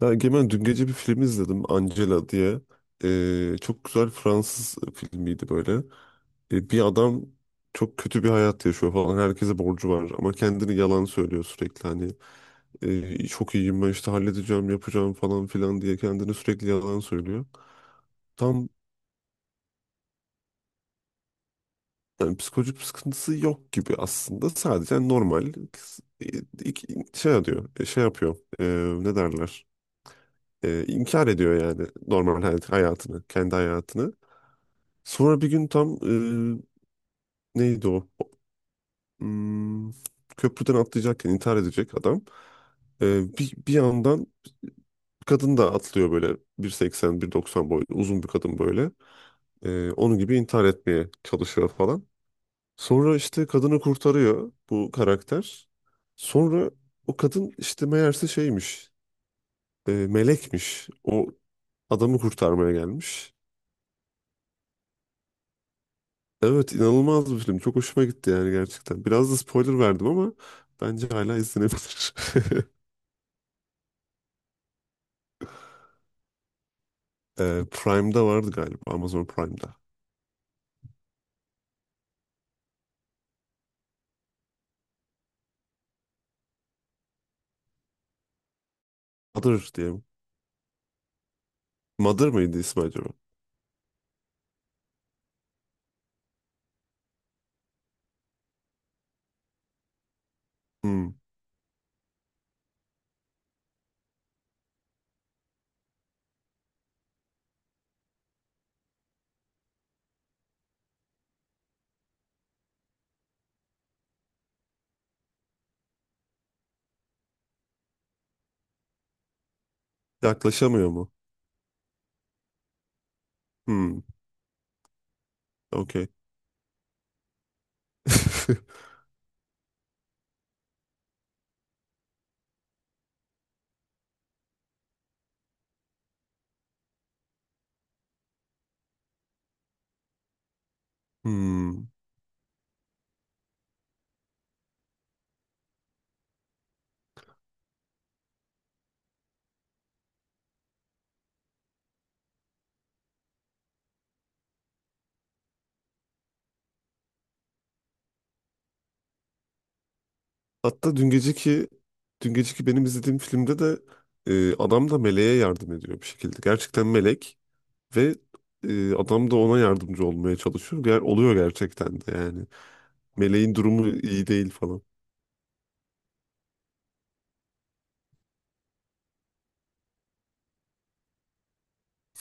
Ya Egemen dün gece bir film izledim Angela diye. Çok güzel Fransız filmiydi böyle. Bir adam çok kötü bir hayat yaşıyor falan. Herkese borcu var ama kendini yalan söylüyor sürekli. Hani çok iyiyim ben işte halledeceğim yapacağım falan filan diye kendini sürekli yalan söylüyor. Tam yani psikolojik bir sıkıntısı yok gibi aslında. Sadece normal e, şey yapıyor, şey yapıyor. Ne derler? E, inkar ediyor yani normal hayatını, kendi hayatını. Sonra bir gün tam e, neydi o? Hmm, köprüden atlayacakken intihar edecek adam. Bir yandan kadın da atlıyor böyle bir seksen bir 190 boyunda uzun bir kadın böyle. Onun gibi intihar etmeye çalışıyor falan. Sonra işte kadını kurtarıyor bu karakter. Sonra o kadın işte meğerse şeymiş, melekmiş. O adamı kurtarmaya gelmiş. Evet, inanılmaz bir film. Çok hoşuma gitti yani gerçekten. Biraz da spoiler verdim ama bence hala izlenebilir. Prime'da vardı galiba. Amazon Prime'da. Mother diye mi? Mother mıydı ismi acaba? Hmm. Yaklaşamıyor mu? Hmm. Okey. Hmm. Hatta dün geceki benim izlediğim filmde de adam da meleğe yardım ediyor bir şekilde. Gerçekten melek. Ve adam da ona yardımcı olmaya çalışıyor. Oluyor gerçekten de yani. Meleğin durumu iyi değil falan.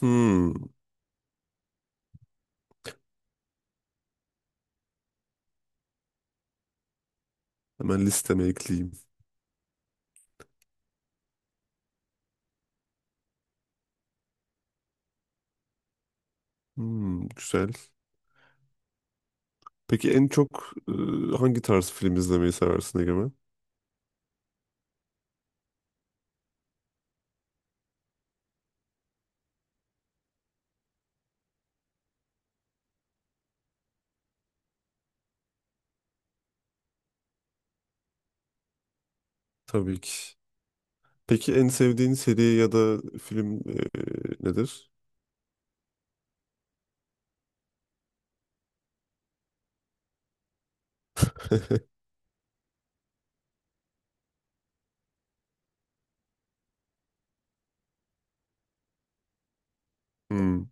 Hmm, hemen listeme ekleyeyim. Hmm, güzel. Peki en çok hangi tarz film izlemeyi seversin Egemen? Tabii ki. Peki en sevdiğin seri ya da film nedir? Hmm.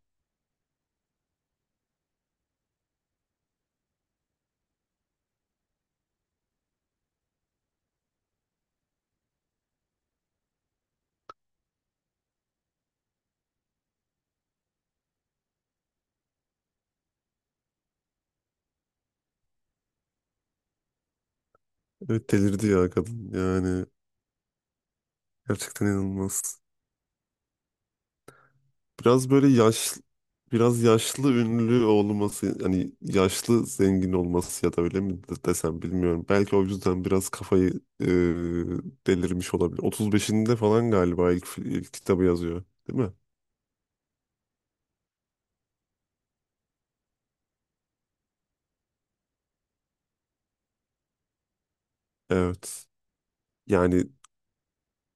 Evet, delirdi ya kadın. Yani gerçekten inanılmaz. Biraz böyle yaş biraz yaşlı ünlü olması hani yaşlı zengin olması ya da öyle mi desem bilmiyorum. Belki o yüzden biraz kafayı e, delirmiş olabilir. 35'inde falan galiba ilk kitabı yazıyor, değil mi? Evet. Yani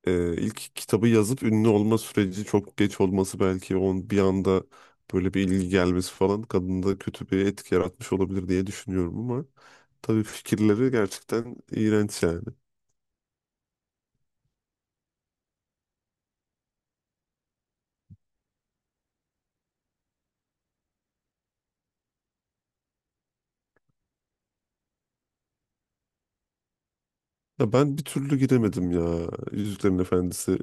ilk kitabı yazıp ünlü olma süreci çok geç olması belki on bir anda böyle bir ilgi gelmesi falan kadında kötü bir etki yaratmış olabilir diye düşünüyorum ama tabii fikirleri gerçekten iğrenç yani. Ya ben bir türlü giremedim ya Yüzüklerin Efendisi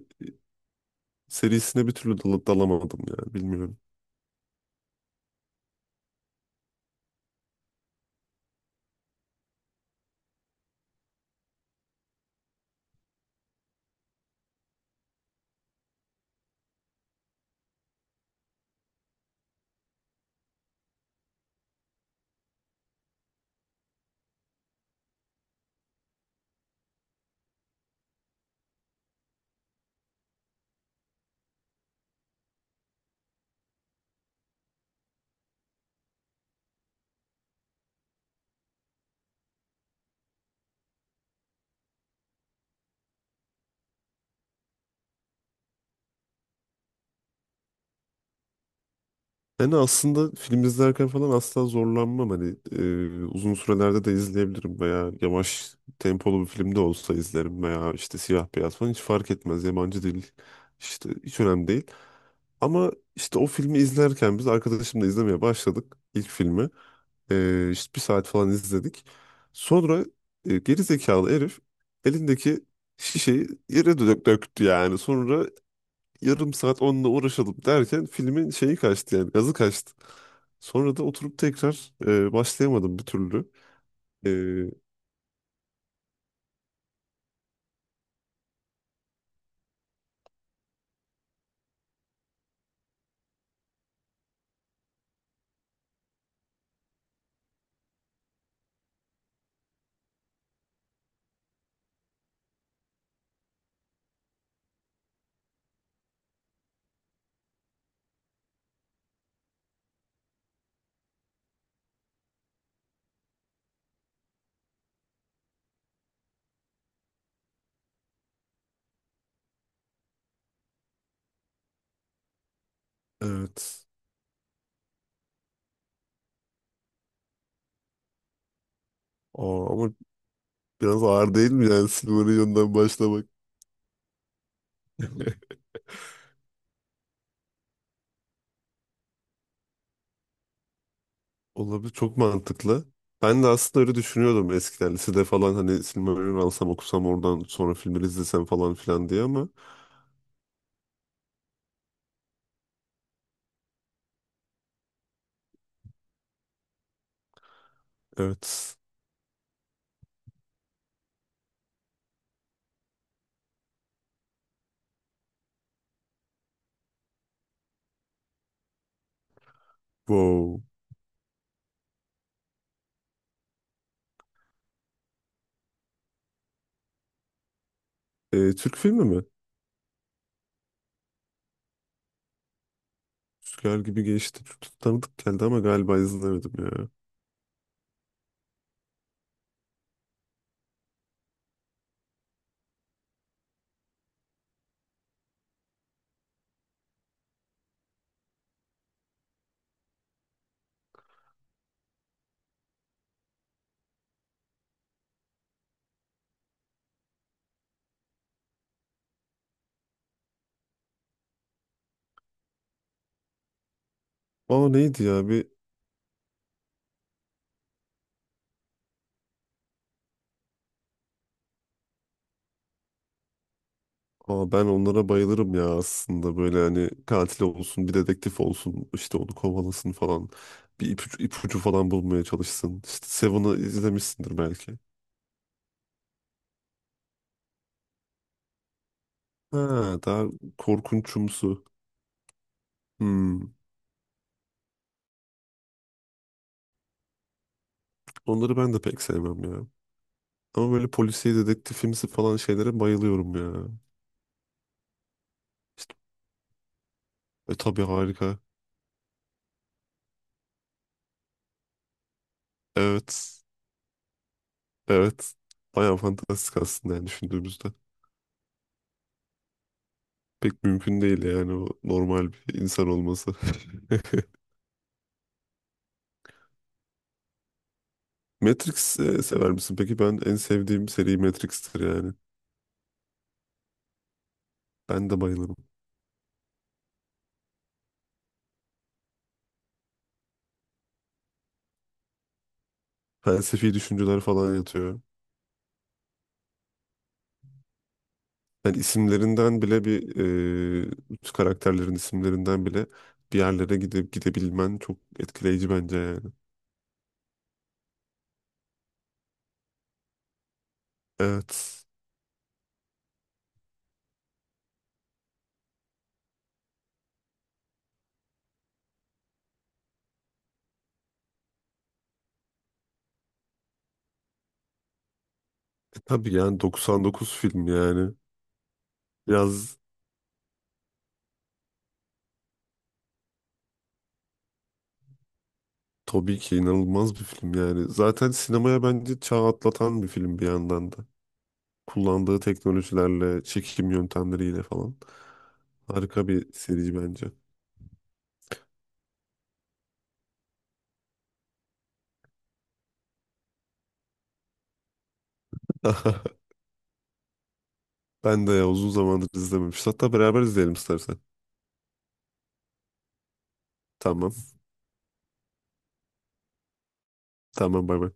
serisine bir türlü dalamadım ya bilmiyorum. Yani aslında film izlerken falan asla zorlanmam hani uzun sürelerde de izleyebilirim veya yavaş tempolu bir filmde olsa izlerim veya işte siyah beyaz falan hiç fark etmez yabancı değil işte hiç önemli değil. Ama işte o filmi izlerken biz arkadaşımla izlemeye başladık ilk filmi. İşte bir saat falan izledik. Sonra geri zekalı herif elindeki şişeyi yere döktü yani. Sonra yarım saat onunla uğraşalım derken filmin şeyi kaçtı yani gazı kaçtı. Sonra da oturup tekrar başlayamadım bir türlü. Ee, evet. Aa, ama biraz ağır değil mi yani Silmarillion'dan başlamak? Olabilir. Çok mantıklı. Ben de aslında öyle düşünüyordum eskiden. Lisede falan hani Silmarillion alsam okusam oradan sonra filmleri izlesem falan filan diye ama evet. Wow. Türk filmi mi? Rüzgar gibi geçti. Çok tanıdık geldi ama galiba izlemedim ya. Aa, neydi ya bir... Aa, ben onlara bayılırım ya aslında. Böyle hani katil olsun, bir dedektif olsun. İşte onu kovalasın falan. Bir ipucu falan bulmaya çalışsın. İşte Seven'ı izlemişsindir belki. Ha, daha korkunçumsu. Hmm. Onları ben de pek sevmem ya. Ama böyle polisiye dedektifimsi falan şeylere bayılıyorum ya. İşte, tabii harika. Evet. Evet. Bayağı fantastik aslında yani düşündüğümüzde. Pek mümkün değil yani o normal bir insan olması. Matrix sever misin? Peki ben en sevdiğim seri Matrix'tir yani. Ben de bayılırım. Felsefi düşünceler falan yatıyor. Yani isimlerinden bile bir e, karakterlerin isimlerinden bile bir yerlere gidip gidebilmen çok etkileyici bence yani. Evet. Tabii yani 99 film yani. Biraz. Tabii ki inanılmaz bir film yani. Zaten sinemaya bence çağ atlatan bir film bir yandan da. Kullandığı teknolojilerle, çekim yöntemleriyle falan. Harika bir seri bence. Ben de ya uzun zamandır izlememiş. Hatta beraber izleyelim istersen. Tamam. Tamam bay bay.